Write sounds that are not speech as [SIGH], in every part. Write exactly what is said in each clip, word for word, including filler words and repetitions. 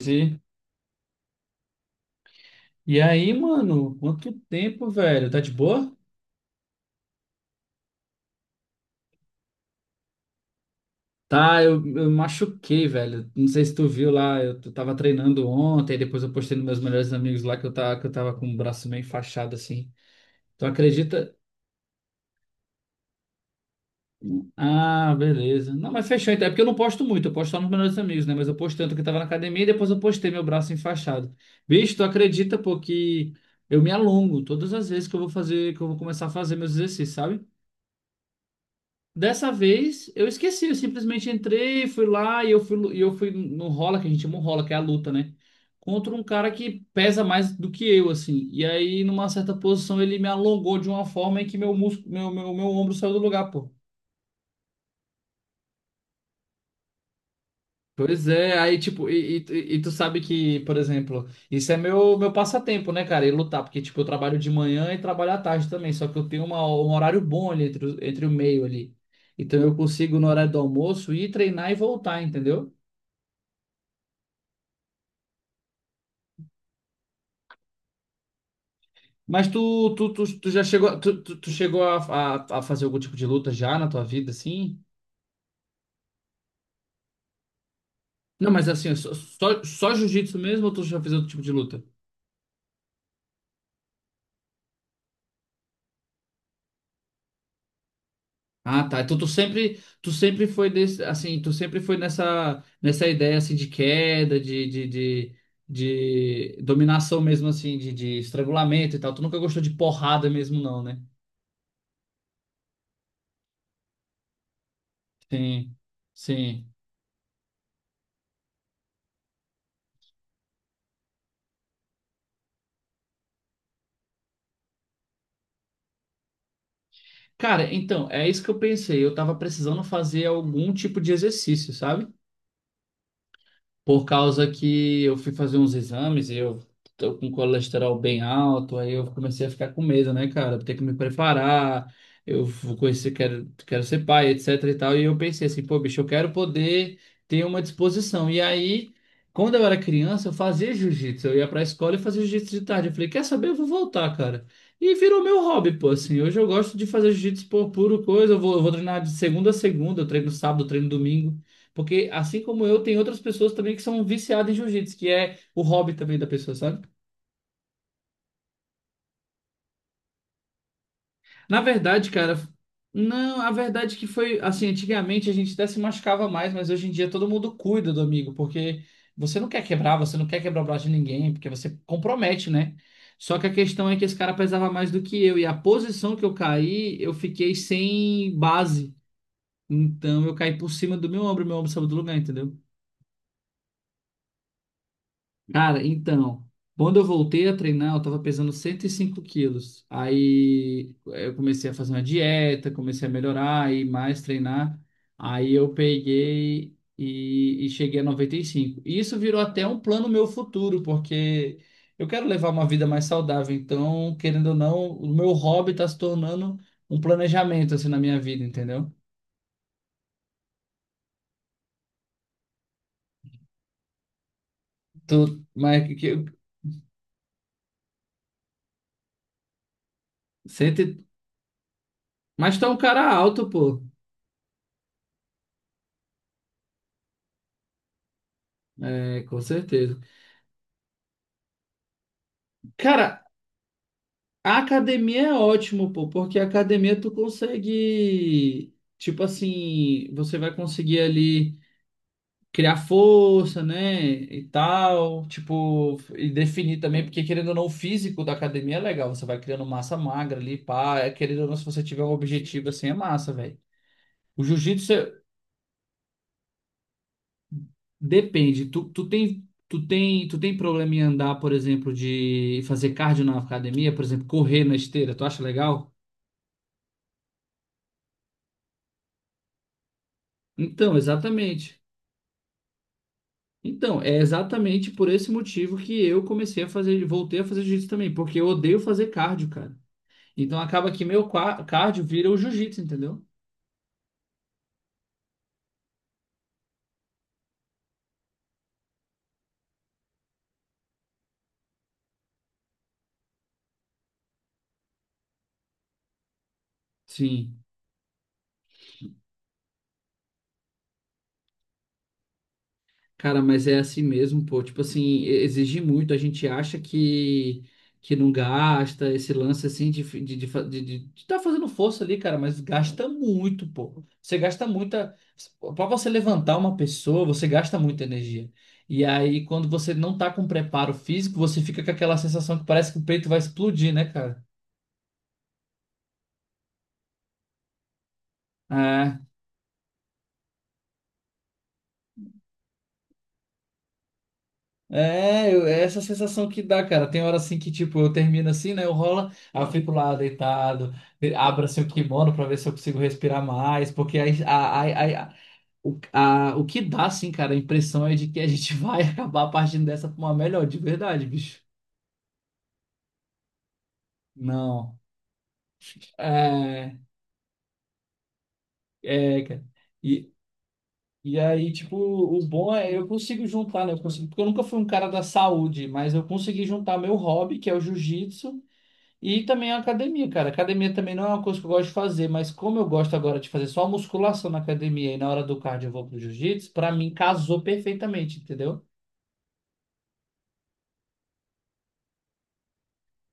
E e aí, mano, quanto tempo, velho? Tá de boa? Tá, eu, eu machuquei, velho. Não sei se tu viu lá, eu t- tava treinando ontem, depois eu postei nos meus melhores amigos lá que eu tava, que eu tava com o braço meio enfaixado assim. Tu acredita? Ah, beleza. Não, mas fechou então. É porque eu não posto muito, eu posto só nos melhores amigos, né? Mas eu postei tanto que eu tava na academia e depois eu postei meu braço enfaixado. Bicho, tu acredita, pô, que eu me alongo todas as vezes que eu vou fazer, que eu vou começar a fazer meus exercícios, sabe? Dessa vez eu esqueci, eu simplesmente entrei, fui lá e eu fui, lu- e eu fui no rola, que a gente chama o rola, que é a luta, né? Contra um cara que pesa mais do que eu, assim. E aí, numa certa posição, ele me alongou de uma forma em que meu músculo, meu, meu, meu ombro saiu do lugar, pô. Pois é, aí tipo, e, e, e e tu sabe que, por exemplo, isso é meu, meu passatempo, né, cara? E lutar, porque tipo, eu trabalho de manhã e trabalho à tarde também, só que eu tenho uma- um horário bom ali entre, o- entre o meio ali. Então eu consigo, no horário do almoço, ir treinar e voltar, entendeu? Mas tu, tu, tu, tu já chegou, tu, tu, tu chegou a, a, a fazer algum tipo de luta já na tua vida, assim? Não, mas assim, só, só, só jiu-jitsu mesmo ou tu já fez outro tipo de luta? Ah, tá. Então tu sempre, tu sempre foi desse, assim, tu sempre foi nessa, nessa ideia assim de queda, de, de, de, de dominação mesmo assim, de, de estrangulamento e tal. Tu nunca gostou de porrada mesmo não, né? Sim, sim. Cara, então, é isso que eu pensei. Eu tava precisando fazer algum tipo de exercício, sabe? Por causa que eu fui fazer uns exames e eu tô com colesterol bem alto, aí eu comecei a ficar com medo, né, cara? Ter que me preparar, eu vou conhecer, quero, quero ser pai, etc e tal. E eu pensei assim, pô, bicho, eu quero poder ter uma disposição. E aí, quando eu era criança, eu fazia jiu-jitsu. Eu ia pra escola e fazia jiu-jitsu de tarde. Eu falei, quer saber? Eu vou voltar, cara. E virou meu hobby, pô, assim. Hoje eu gosto de fazer jiu-jitsu por puro coisa. Eu vou, eu vou treinar de segunda a segunda, eu treino sábado, eu treino domingo. Porque assim como eu, tem outras pessoas também que são viciadas em jiu-jitsu, que é o hobby também da pessoa, sabe? Na verdade, cara, não, a verdade é que foi assim, antigamente a gente até se machucava mais, mas hoje em dia todo mundo cuida do amigo, porque você não quer quebrar, você não quer quebrar o braço de ninguém, porque você compromete, né? Só que a questão é que esse cara pesava mais do que eu, e a posição que eu caí, eu fiquei sem base. Então eu caí por cima do meu ombro, meu ombro saiu do lugar, entendeu? Cara, então, quando eu voltei a treinar, eu tava pesando cento e cinco quilos. Aí eh, eu comecei a fazer uma dieta, comecei a melhorar e mais treinar. Aí eu peguei e, e cheguei a noventa e cinco. E cinco. E isso virou até um plano meu futuro, porque eu quero levar uma vida mais saudável. Então, querendo ou não, o meu hobby tá se tornando um planejamento assim na minha vida, entendeu? Tô, mas que, que- cento e- mas tá um cara alto, pô. É, com certeza. Cara, a academia é ótimo, pô, porque a academia tu consegue, tipo assim, você vai conseguir ali criar força, né, e tal, tipo, e definir também, porque querendo ou não, o físico da academia é legal, você vai criando massa magra ali, pá, é, querendo ou não, se você tiver um objetivo assim, é massa, velho. O jiu-jitsu é- depende, tu, tu tem, tu tem, tu tem problema em andar, por exemplo, de fazer cardio na academia, por exemplo, correr na esteira, tu acha legal? Então, exatamente. Então, é exatamente por esse motivo que eu comecei a fazer, voltei a fazer jiu-jitsu também, porque eu odeio fazer cardio, cara. Então acaba que meu qua- cardio vira o jiu-jitsu, entendeu? Sim. Cara, mas é assim mesmo, pô. Tipo assim, e- exige muito. A gente acha que, que não gasta esse lance assim de estar de, de, fa- de, de- de tá fazendo força ali, cara, mas gasta muito, pô. Você gasta muita. Pra você levantar uma pessoa, você gasta muita energia. E aí, quando você não tá com preparo físico, você fica com aquela sensação que parece que o peito vai explodir, né, cara? É, eu- é essa sensação que dá, cara. Tem hora assim que, tipo, eu termino assim, né? Eu rolo, aí eu fico lá deitado, de- abro assim o kimono pra ver se eu consigo respirar mais, porque aí, a, a, a, a- o, a, o que dá, assim, cara, a impressão é de que a gente [LAUGHS] vai acabar partindo dessa pra uma melhor, de verdade, bicho. Não. É, é, cara. E, e aí, tipo, o bom é eu consigo juntar, né? Eu consigo, porque eu nunca fui um cara da saúde, mas eu consegui juntar meu hobby, que é o jiu-jitsu. E também a academia, cara. Academia também não é uma coisa que eu gosto de fazer, mas como eu gosto agora de fazer só musculação na academia e na hora do cardio eu vou pro jiu-jitsu, pra mim casou perfeitamente, entendeu?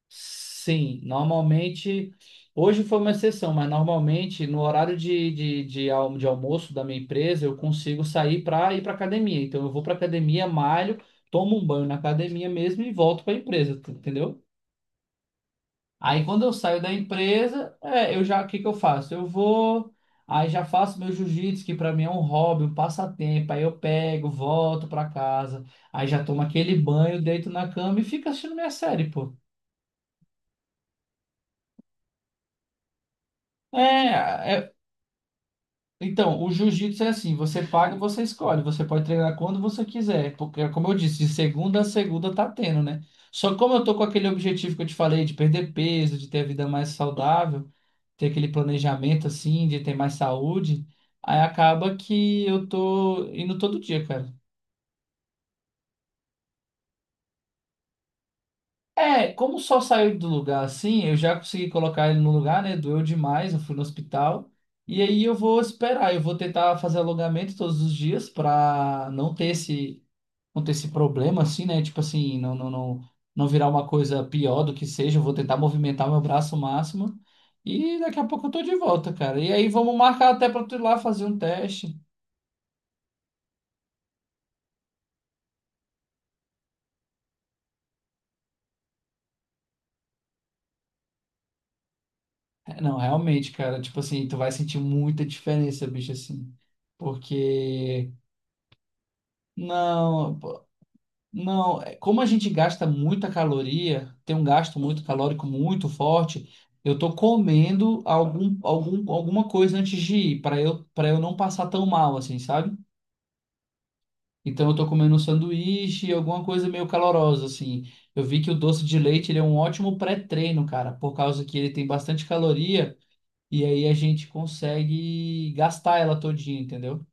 Sim, normalmente. Hoje foi uma exceção, mas normalmente no horário de, de, de, al- de almoço da minha empresa eu consigo sair para ir para academia. Então eu vou para academia, malho, tomo um banho na academia mesmo e volto para a empresa, tu- entendeu? Aí quando eu saio da empresa, é, eu já, o que que eu faço? Eu vou, aí já faço meu jiu-jitsu, que para mim é um hobby, um passatempo. Aí eu pego, volto para casa, aí já tomo aquele banho, deito na cama e fico assistindo minha série, pô. É, é- então, o jiu-jitsu é assim, você paga, você escolhe, você pode treinar quando você quiser, porque é como eu disse, de segunda a segunda tá tendo, né? Só que como eu tô com aquele objetivo que eu te falei de perder peso, de ter a vida mais saudável, ter aquele planejamento assim de ter mais saúde, aí acaba que eu tô indo todo dia, cara. É, como só saiu do lugar assim, eu já consegui colocar ele no lugar, né? Doeu demais, eu fui no hospital. E aí eu vou esperar, eu vou tentar fazer alongamento todos os dias pra não ter esse, não ter esse problema assim, né? Tipo assim, não, não, não, não virar uma coisa pior do que seja. Eu vou tentar movimentar meu braço o máximo. E daqui a pouco eu tô de volta, cara. E aí vamos marcar até pra tu ir lá fazer um teste. É, não, realmente, cara, tipo assim, tu vai sentir muita diferença, bicho, assim. Porque, não, pô, não, é, como a gente gasta muita caloria, tem um gasto muito calórico muito forte, eu tô comendo algum, algum, alguma coisa antes de ir, para eu, para eu não passar tão mal, assim, sabe? Então eu tô comendo um sanduíche, alguma coisa meio calorosa, assim. Eu vi que o doce de leite, ele é um ótimo pré-treino, cara, por causa que ele tem bastante caloria. E aí a gente consegue gastar ela todinha, entendeu?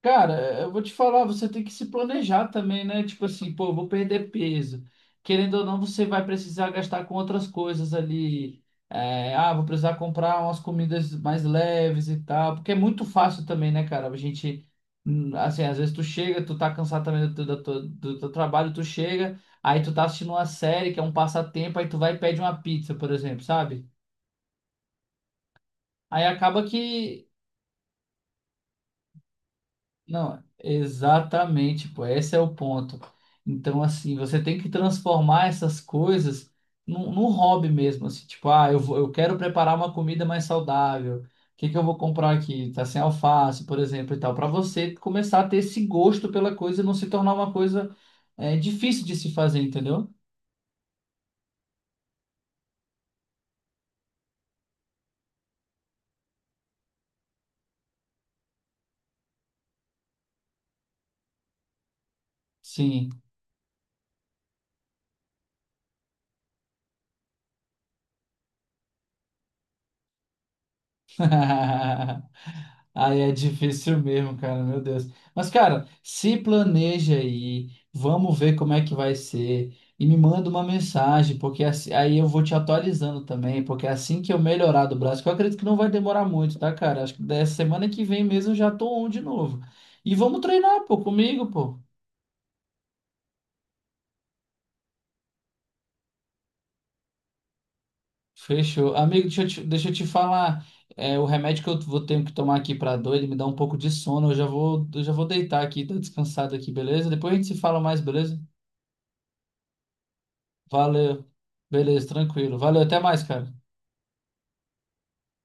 Cara, eu vou te falar, você tem que se planejar também, né? Tipo assim, pô, eu vou perder peso. Querendo ou não, você vai precisar gastar com outras coisas ali. É, ah, vou precisar comprar umas comidas mais leves e tal. Porque é muito fácil também, né, cara? A gente, hum, assim, às vezes tu chega, tu tá cansado também do, teu- do, teu- do teu trabalho, tu chega, aí tu tá assistindo uma série que é um passatempo, aí tu vai e pede uma pizza, por exemplo, sabe? Aí acaba que. Não, exatamente, pô, esse é o ponto. Então, assim, você tem que transformar essas coisas num, num hobby mesmo, assim, tipo, ah, eu vou, eu quero preparar uma comida mais saudável. O que que eu vou comprar aqui? Tá sem alface, por exemplo, e tal, para você começar a ter esse gosto pela coisa e não se tornar uma coisa é, difícil de se fazer, entendeu? Sim. [LAUGHS] Aí é difícil mesmo, cara, meu Deus. Mas, cara, se planeja aí, vamos ver como é que vai ser. E me manda uma mensagem, porque assim- aí eu vou te atualizando também, porque é assim que eu melhorar do braço, que eu acredito que não vai demorar muito, tá, cara? Acho que da semana que vem mesmo eu já tô on de novo. E vamos treinar, pô, comigo, pô. Fechou. Amigo, deixa eu te, deixa eu te falar. É, o remédio que eu vou ter que tomar aqui pra dor, ele me dá um pouco de sono. Eu já vou, eu já vou deitar aqui, tô descansado aqui, beleza? Depois a gente se fala mais, beleza? Valeu. Beleza, tranquilo. Valeu, até mais, cara.